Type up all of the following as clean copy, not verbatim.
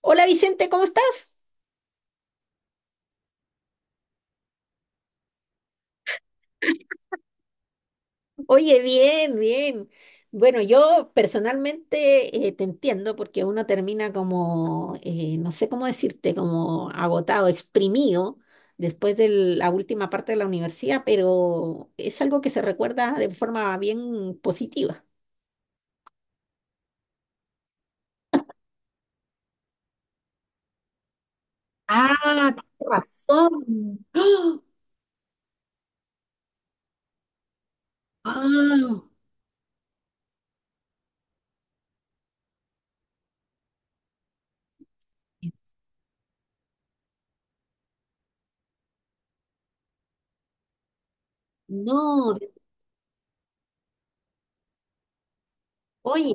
Hola Vicente, ¿cómo estás? Oye, bien, bien. Bueno, yo personalmente te entiendo porque uno termina como, no sé cómo decirte, como agotado, exprimido después de la última parte de la universidad, pero es algo que se recuerda de forma bien positiva. Ah, tienes razón. ¡Ah! ¡Ah! No, oye.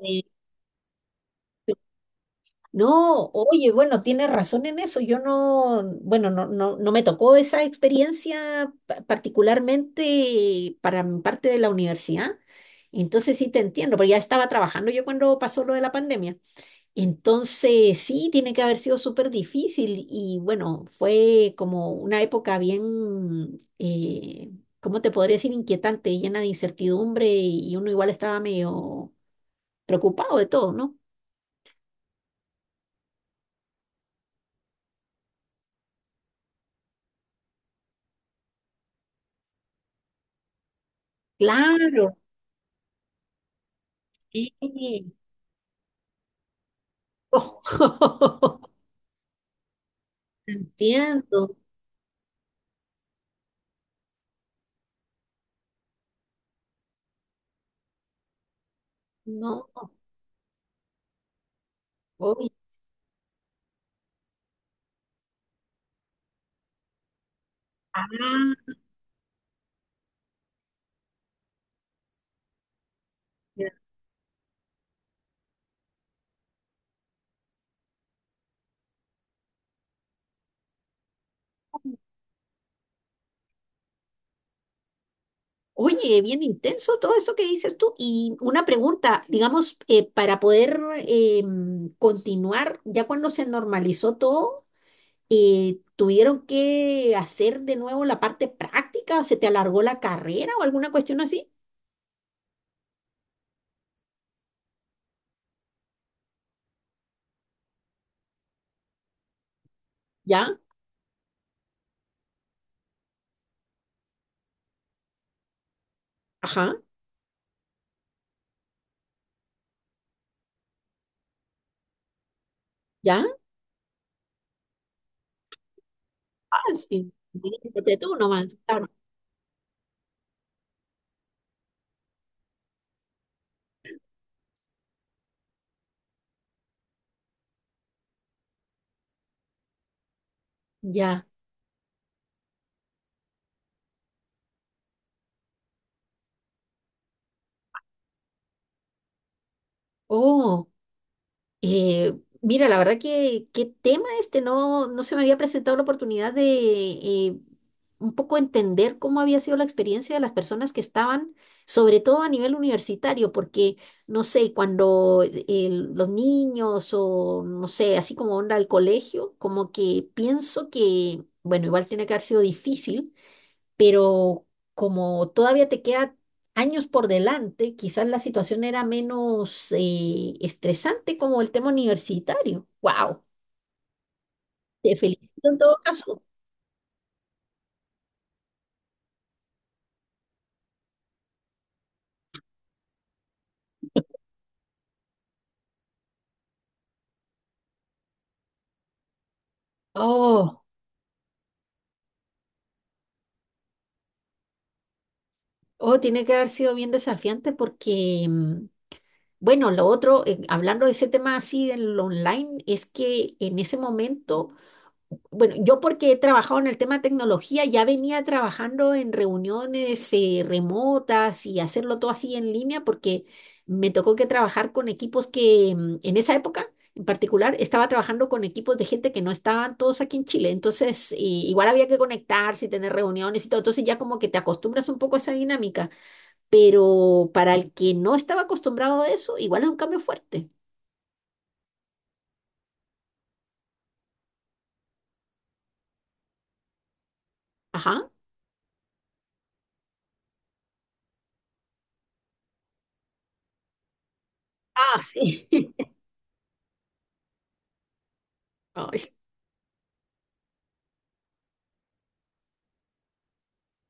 No, oye, bueno, tienes razón en eso. Yo no, bueno, no, no, no me tocó esa experiencia particularmente para mi parte de la universidad. Entonces sí te entiendo, pero ya estaba trabajando yo cuando pasó lo de la pandemia. Entonces sí, tiene que haber sido súper difícil y bueno, fue como una época bien, ¿cómo te podría decir? Inquietante, llena de incertidumbre y uno igual estaba medio preocupado de todo, ¿no? Claro. Sí. Entiendo. No, oye. Ah, ya. Oye, bien intenso todo eso que dices tú. Y una pregunta, digamos, para poder continuar, ya cuando se normalizó todo, ¿tuvieron que hacer de nuevo la parte práctica? ¿Se te alargó la carrera o alguna cuestión así? ¿Ya? Ajá, ¿ya? Ah, sí. Dígate tú nomás, claro. Ya. Oh. Eh, mira, la verdad que qué tema este, no, no se me había presentado la oportunidad de un poco entender cómo había sido la experiencia de las personas que estaban, sobre todo a nivel universitario, porque, no sé, cuando los niños o, no sé, así como onda al colegio, como que pienso que, bueno, igual tiene que haber sido difícil pero como todavía te queda años por delante, quizás la situación era menos estresante como el tema universitario. ¡Wow! Te felicito en todo caso. Oh, oh, tiene que haber sido bien desafiante porque, bueno, lo otro, hablando de ese tema así del online, es que en ese momento bueno, yo porque he trabajado en el tema de tecnología, ya venía trabajando en reuniones remotas y hacerlo todo así en línea porque me tocó que trabajar con equipos que en esa época en particular estaba trabajando con equipos de gente que no estaban todos aquí en Chile. Entonces, igual había que conectarse y tener reuniones y todo. Entonces ya como que te acostumbras un poco a esa dinámica, pero para el que no estaba acostumbrado a eso, igual es un cambio fuerte. Ajá. Ah, sí. Ay,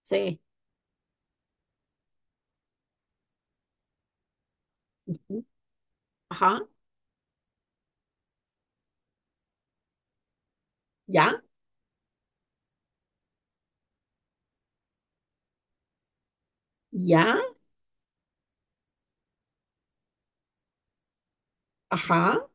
sí. Ujú. Ajá. ¿Ya? Ya, ajá.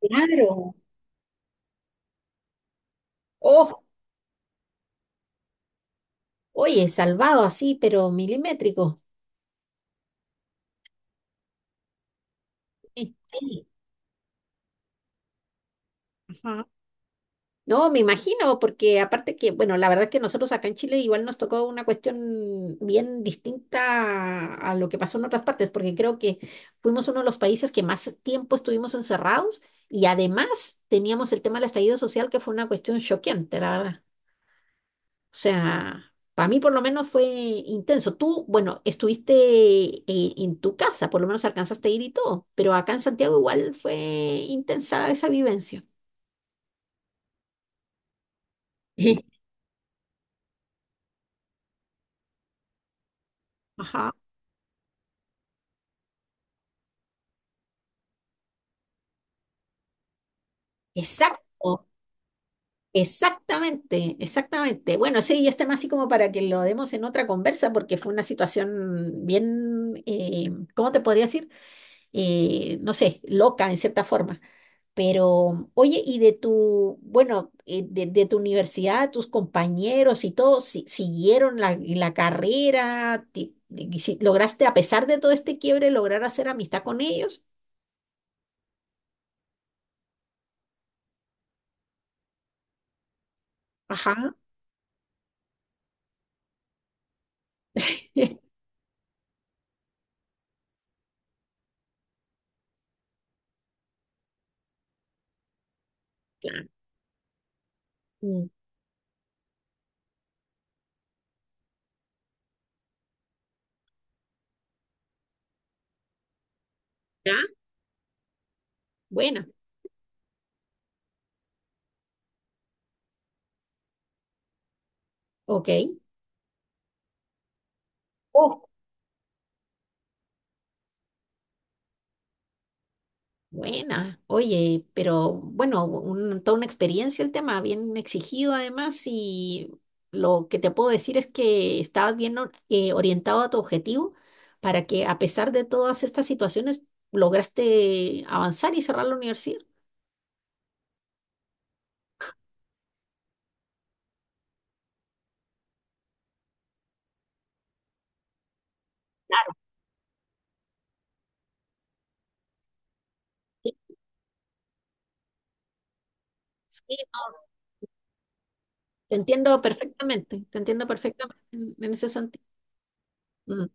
Claro. Oh, oye, salvado así, pero milimétrico. Sí, sí, ajá. No, me imagino, porque aparte que, bueno, la verdad es que nosotros acá en Chile igual nos tocó una cuestión bien distinta a lo que pasó en otras partes, porque creo que fuimos uno de los países que más tiempo estuvimos encerrados y además teníamos el tema del estallido social, que fue una cuestión choqueante, la verdad. O sea, para mí por lo menos fue intenso. Tú, bueno, estuviste en tu casa, por lo menos alcanzaste a ir y todo, pero acá en Santiago igual fue intensa esa vivencia. Ajá. Exacto, exactamente, exactamente. Bueno, sí, este más así como para que lo demos en otra conversa, porque fue una situación bien, ¿cómo te podría decir? No sé, loca en cierta forma. Pero, oye, y de tu, bueno, de tu universidad, tus compañeros y todos siguieron la, la carrera, y si, lograste, a pesar de todo este quiebre, lograr hacer amistad con ellos. Ajá. Ya, mm, ya, bueno, ok. Buena, oye, pero bueno, toda una experiencia el tema, bien exigido además y lo que te puedo decir es que estabas bien orientado a tu objetivo para que a pesar de todas estas situaciones lograste avanzar y cerrar la universidad. Sí, sí, no, te entiendo perfectamente en ese sentido. Mm.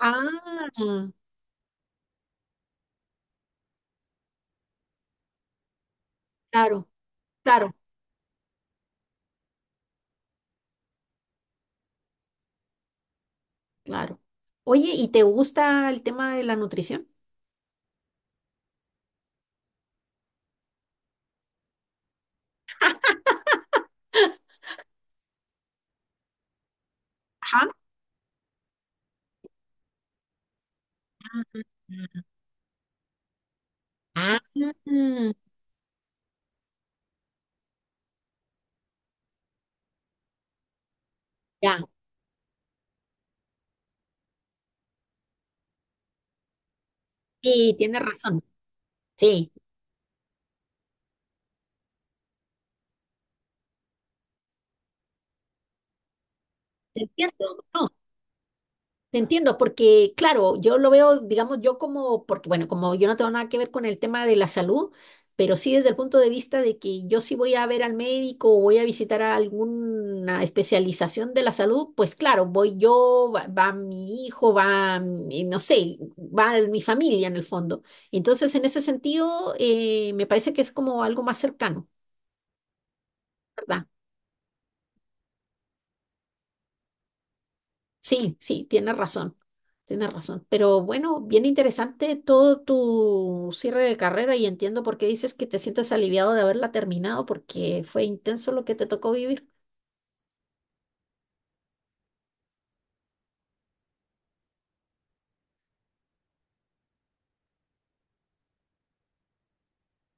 Ah, claro, claro, claro. Oye, ¿y te gusta el tema de la nutrición? Ajá. Ah, ya, sí, tienes razón. Sí, te entiendo, no, te entiendo, porque claro, yo lo veo, digamos, yo como, porque bueno, como yo no tengo nada que ver con el tema de la salud, pero sí desde el punto de vista de que yo sí voy a ver al médico o voy a visitar a alguna especialización de la salud, pues claro, voy yo, va, va mi hijo, va, no sé, va mi familia en el fondo. Entonces, en ese sentido, me parece que es como algo más cercano, ¿verdad? Sí, sí, tienes razón, tienes razón. Pero bueno, bien interesante todo tu cierre de carrera y entiendo por qué dices que te sientes aliviado de haberla terminado porque fue intenso lo que te tocó vivir.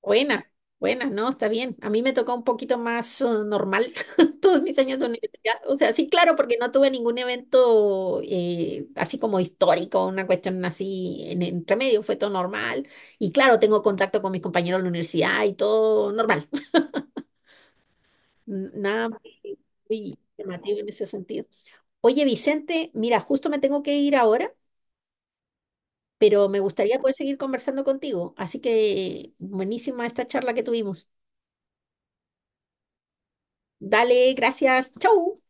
Buena, buena, no, está bien. A mí me tocó un poquito más normal todos mis años de universidad. O sea, sí, claro, porque no tuve ningún evento así como histórico, una cuestión así en entre medio, fue todo normal. Y claro, tengo contacto con mis compañeros de la universidad y todo normal. Nada muy, muy llamativo en ese sentido. Oye, Vicente, mira, justo me tengo que ir ahora, pero me gustaría poder seguir conversando contigo. Así que buenísima esta charla que tuvimos. Dale, gracias. Chau.